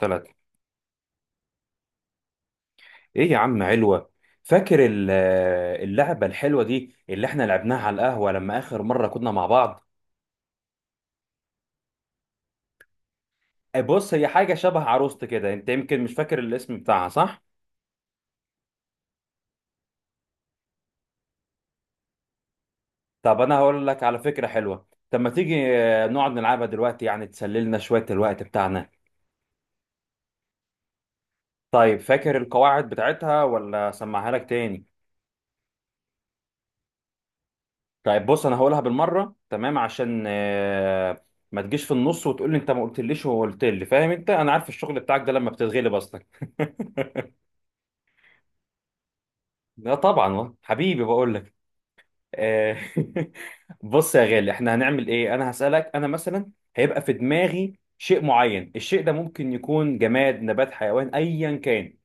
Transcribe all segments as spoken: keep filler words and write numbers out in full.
ثلاثة. ايه يا عم علوة؟ فاكر ال- اللعبة الحلوة دي اللي احنا لعبناها على القهوة لما اخر مرة كنا مع بعض. أي، بص، هي حاجة شبه عروست كده، انت يمكن مش فاكر الاسم بتاعها، صح؟ طب انا هقول لك على فكرة حلوة. طب ما تيجي آه، نقعد نلعبها دلوقتي، يعني تسللنا شوية الوقت بتاعنا. طيب، فاكر القواعد بتاعتها ولا اسمعها لك تاني؟ طيب بص، انا هقولها بالمرة تمام، عشان آه، ما تجيش في النص وتقول لي انت ما قلتليش، وقلت لي فاهم. انت انا عارف الشغل بتاعك ده لما بتتغلب اصلا. لا طبعا والله. حبيبي بقول لك. آه، بص يا غالي، احنا هنعمل ايه. انا هسألك، انا مثلا هيبقى في دماغي شيء معين. الشيء ده ممكن يكون جماد، نبات، حيوان، ايا كان.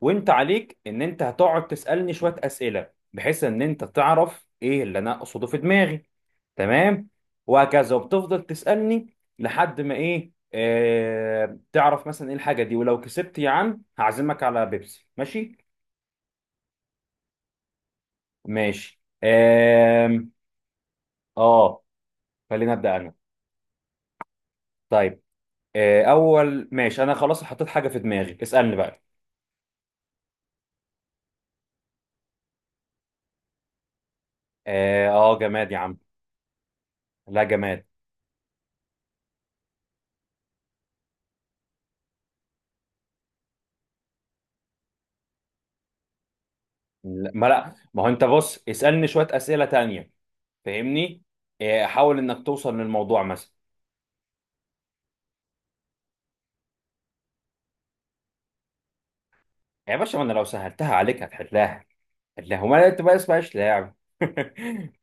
وانت عليك ان انت هتقعد تسألني شوية أسئلة بحيث ان انت تعرف ايه اللي انا اقصده في دماغي. تمام وهكذا، وبتفضل تسألني لحد ما ايه آه، تعرف مثلا ايه الحاجة دي. ولو كسبت يا عم هعزمك على بيبسي، ماشي؟ ماشي. آم، اه، خليني ابدا انا. طيب آه، اول ماشي، انا خلاص حطيت حاجه في دماغي، اسالني بقى. اه آه، جماد يا عم. لا، جماد. لا ما لا ما هو انت بص، اسالني شويه اسئله تانية، فاهمني آه، حاول انك توصل للموضوع مثلا. يا باشا، ما انا لو سهلتها عليك هتحلها. هتحلها وما انت بقى اسمهاش لعب.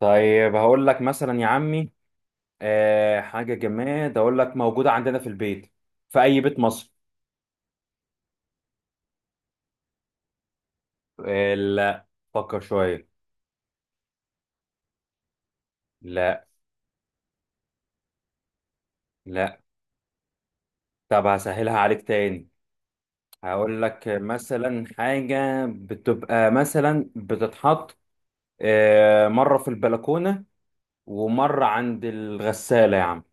طيب هقول لك مثلا، يا عمي آه، حاجه جماد، اقول لك موجوده عندنا في البيت. في اي بيت مصر. آه، لا. فكر شويه. لا. لا. طب هسهلها عليك تاني. هقول لك مثلا حاجة بتبقى مثلا بتتحط آه، مرة في البلكونة، ومرة عند الغسالة يا عم.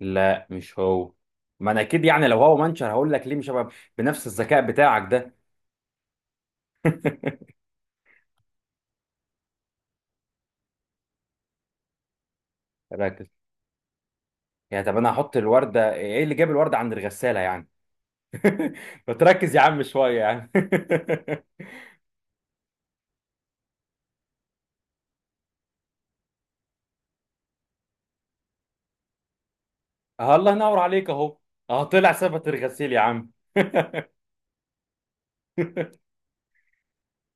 لا مش هو. ما انا اكيد يعني لو هو منشر هقول لك، ليه مش هبقى بنفس الذكاء بتاعك ده؟ ركز. يعني طب انا هحط الوردة، ايه اللي جاب الوردة عند الغسالة يعني؟ بتركز يا عم شوية يعني. الله ينور عليك اهو. اه، طلع ثبت الغسيل يا عم.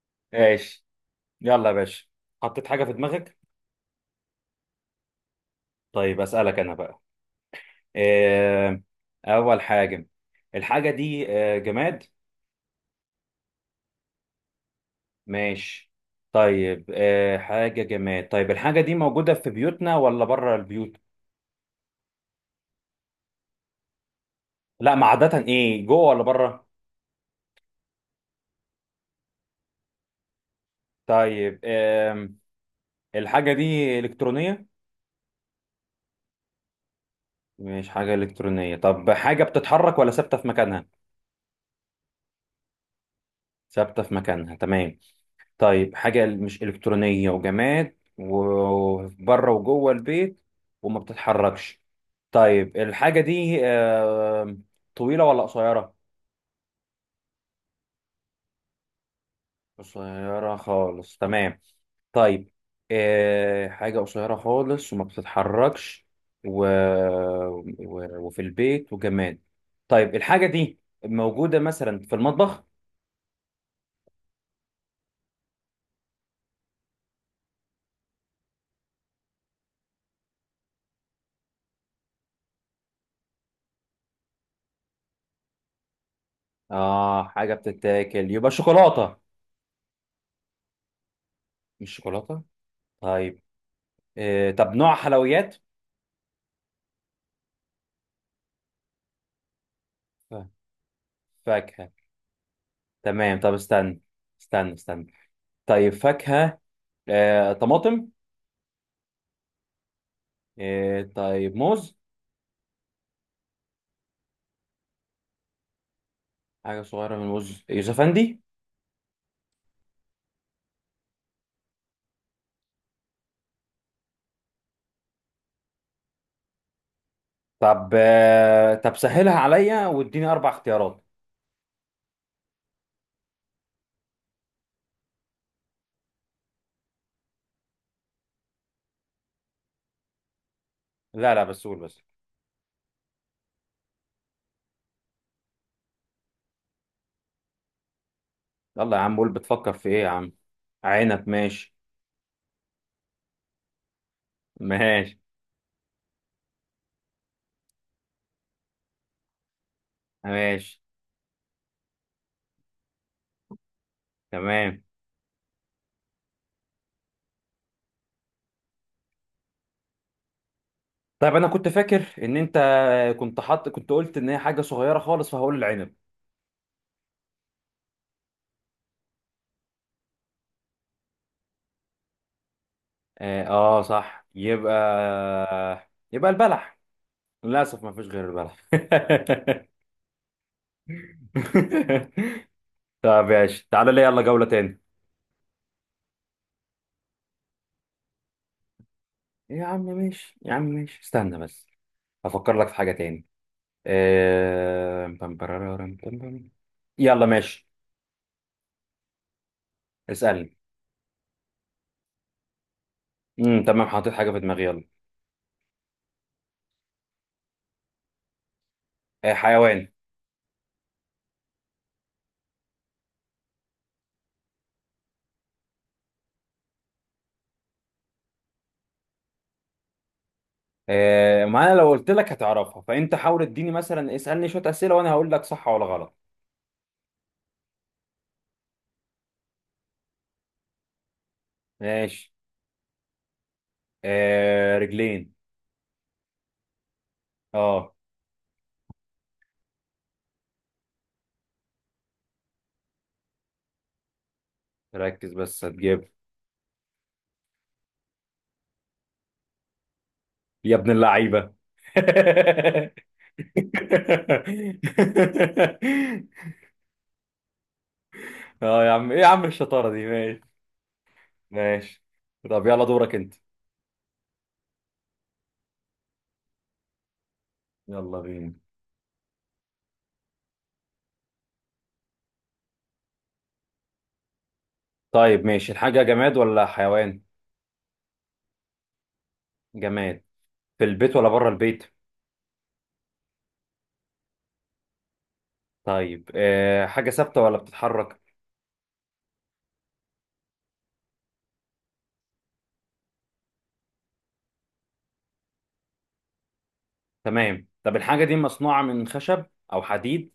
ايش. يلا يا باشا، حطيت حاجة في دماغك. طيب أسألك أنا بقى. إيه؟ أول حاجة، الحاجة دي آه، جماد؟ ماشي. طيب إيه حاجة جماد. طيب الحاجة دي موجودة في بيوتنا ولا بره البيوت؟ لا ما عادة، إيه جوه ولا بره؟ طيب إيه. الحاجة دي إلكترونية؟ مش حاجة إلكترونية. طب حاجة بتتحرك ولا ثابتة في مكانها؟ ثابتة في مكانها، تمام. طيب حاجة مش إلكترونية وجماد وبره وجوه البيت، وما بتتحركش. طيب الحاجة دي آه، طويلة ولا قصيرة؟ قصيرة خالص، تمام. طيب آه، حاجة قصيرة خالص وما بتتحركش و... و... وفي البيت وجماد. طيب الحاجة دي موجودة مثلا في المطبخ؟ آه حاجة بتتاكل، يبقى شوكولاتة. مش شوكولاتة؟ طيب آه، طب نوع حلويات؟ فاكهة. تمام. طب استنى. استنى استنى. طيب فاكهة آه، طماطم. آه، طيب موز. حاجة صغيرة من موز، يوسفندي. طب آه، طب سهلها عليا واديني أربع اختيارات. لا لا بس قول، بس يلا يا عم قول، بتفكر في إيه يا عم. عنب؟ ماشي. ماشي. ماشي. تمام. طيب أنا كنت فاكر إن أنت كنت حاط، كنت قلت إن هي حاجة صغيرة خالص، فهقول العنب. آه, آه صح، يبقى يبقى البلح. للأسف ما فيش غير البلح. طب ماشي، تعالى لي يلا جولة تاني. يا عم ماشي، يا عم ماشي، استنى بس أفكر لك في حاجة تاني. آه، بام برارارام بام بام. يلا ماشي، اسألني. امم تمام، حاطط حاجة في دماغي، يلا. آه، حيوان. آه، ما أنا لو قلت لك هتعرفها، فأنت حاول اديني مثلا اسألني شوية أسئلة، وأنا هقول لك صح ولا غلط. ماشي آه، رجلين. اه. ركز بس هتجيب. يا ابن اللعيبة. اه يا عم، ايه يا عم الشطارة دي. ماشي. ماشي. طب يلا دورك انت. يلا بينا. طيب ماشي، الحاجة جماد ولا حيوان؟ جماد. في البيت ولا بره البيت؟ طيب أه حاجة ثابتة ولا بتتحرك؟ تمام. طب الحاجة دي مصنوعة من خشب او حديد؟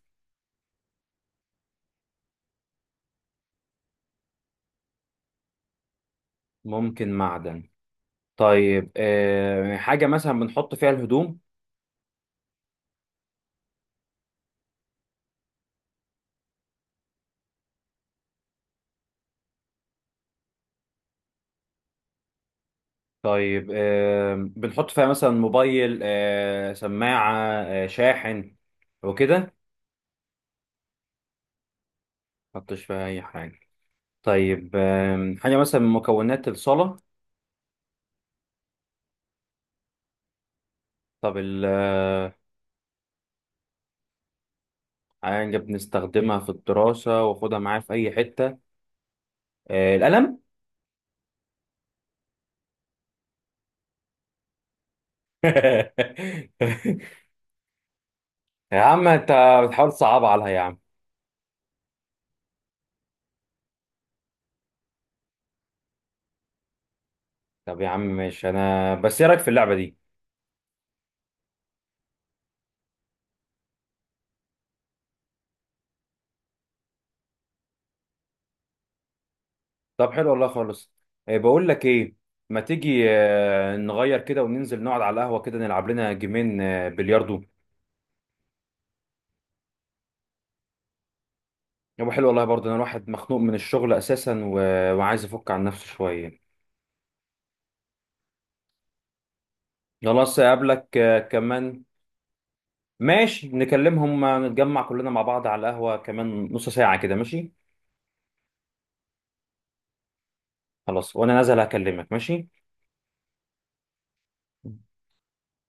ممكن معدن. طيب أه حاجة مثلا بنحط فيها الهدوم؟ طيب أه بنحط فيها مثلا موبايل، أه سماعة، أه شاحن، وكده. حطش فيها اي حاجه. طيب آم، حاجه مثلا من مكونات الصلاه. طب ال آه، حاجه بنستخدمها في الدراسه، واخدها معايا في اي حته آه، القلم. يا عم انت بتحاول تصعب عليها يا عم. طب يا عم ماشي، انا بس ايه رايك في اللعبه دي؟ طب حلو والله خالص. آه، بقول لك ايه، ما تيجي آه، نغير كده وننزل نقعد على القهوه كده نلعب لنا جيمين آه، بلياردو. يبقى حلو والله، برضه انا الواحد مخنوق من الشغل اساسا و... وعايز افك عن نفسه شويه. خلاص اقابلك آه، كمان. ماشي نكلمهم آه، نتجمع كلنا مع بعض على القهوة كمان نص ساعة كده، ماشي. خلاص، وانا نازل هكلمك، ماشي.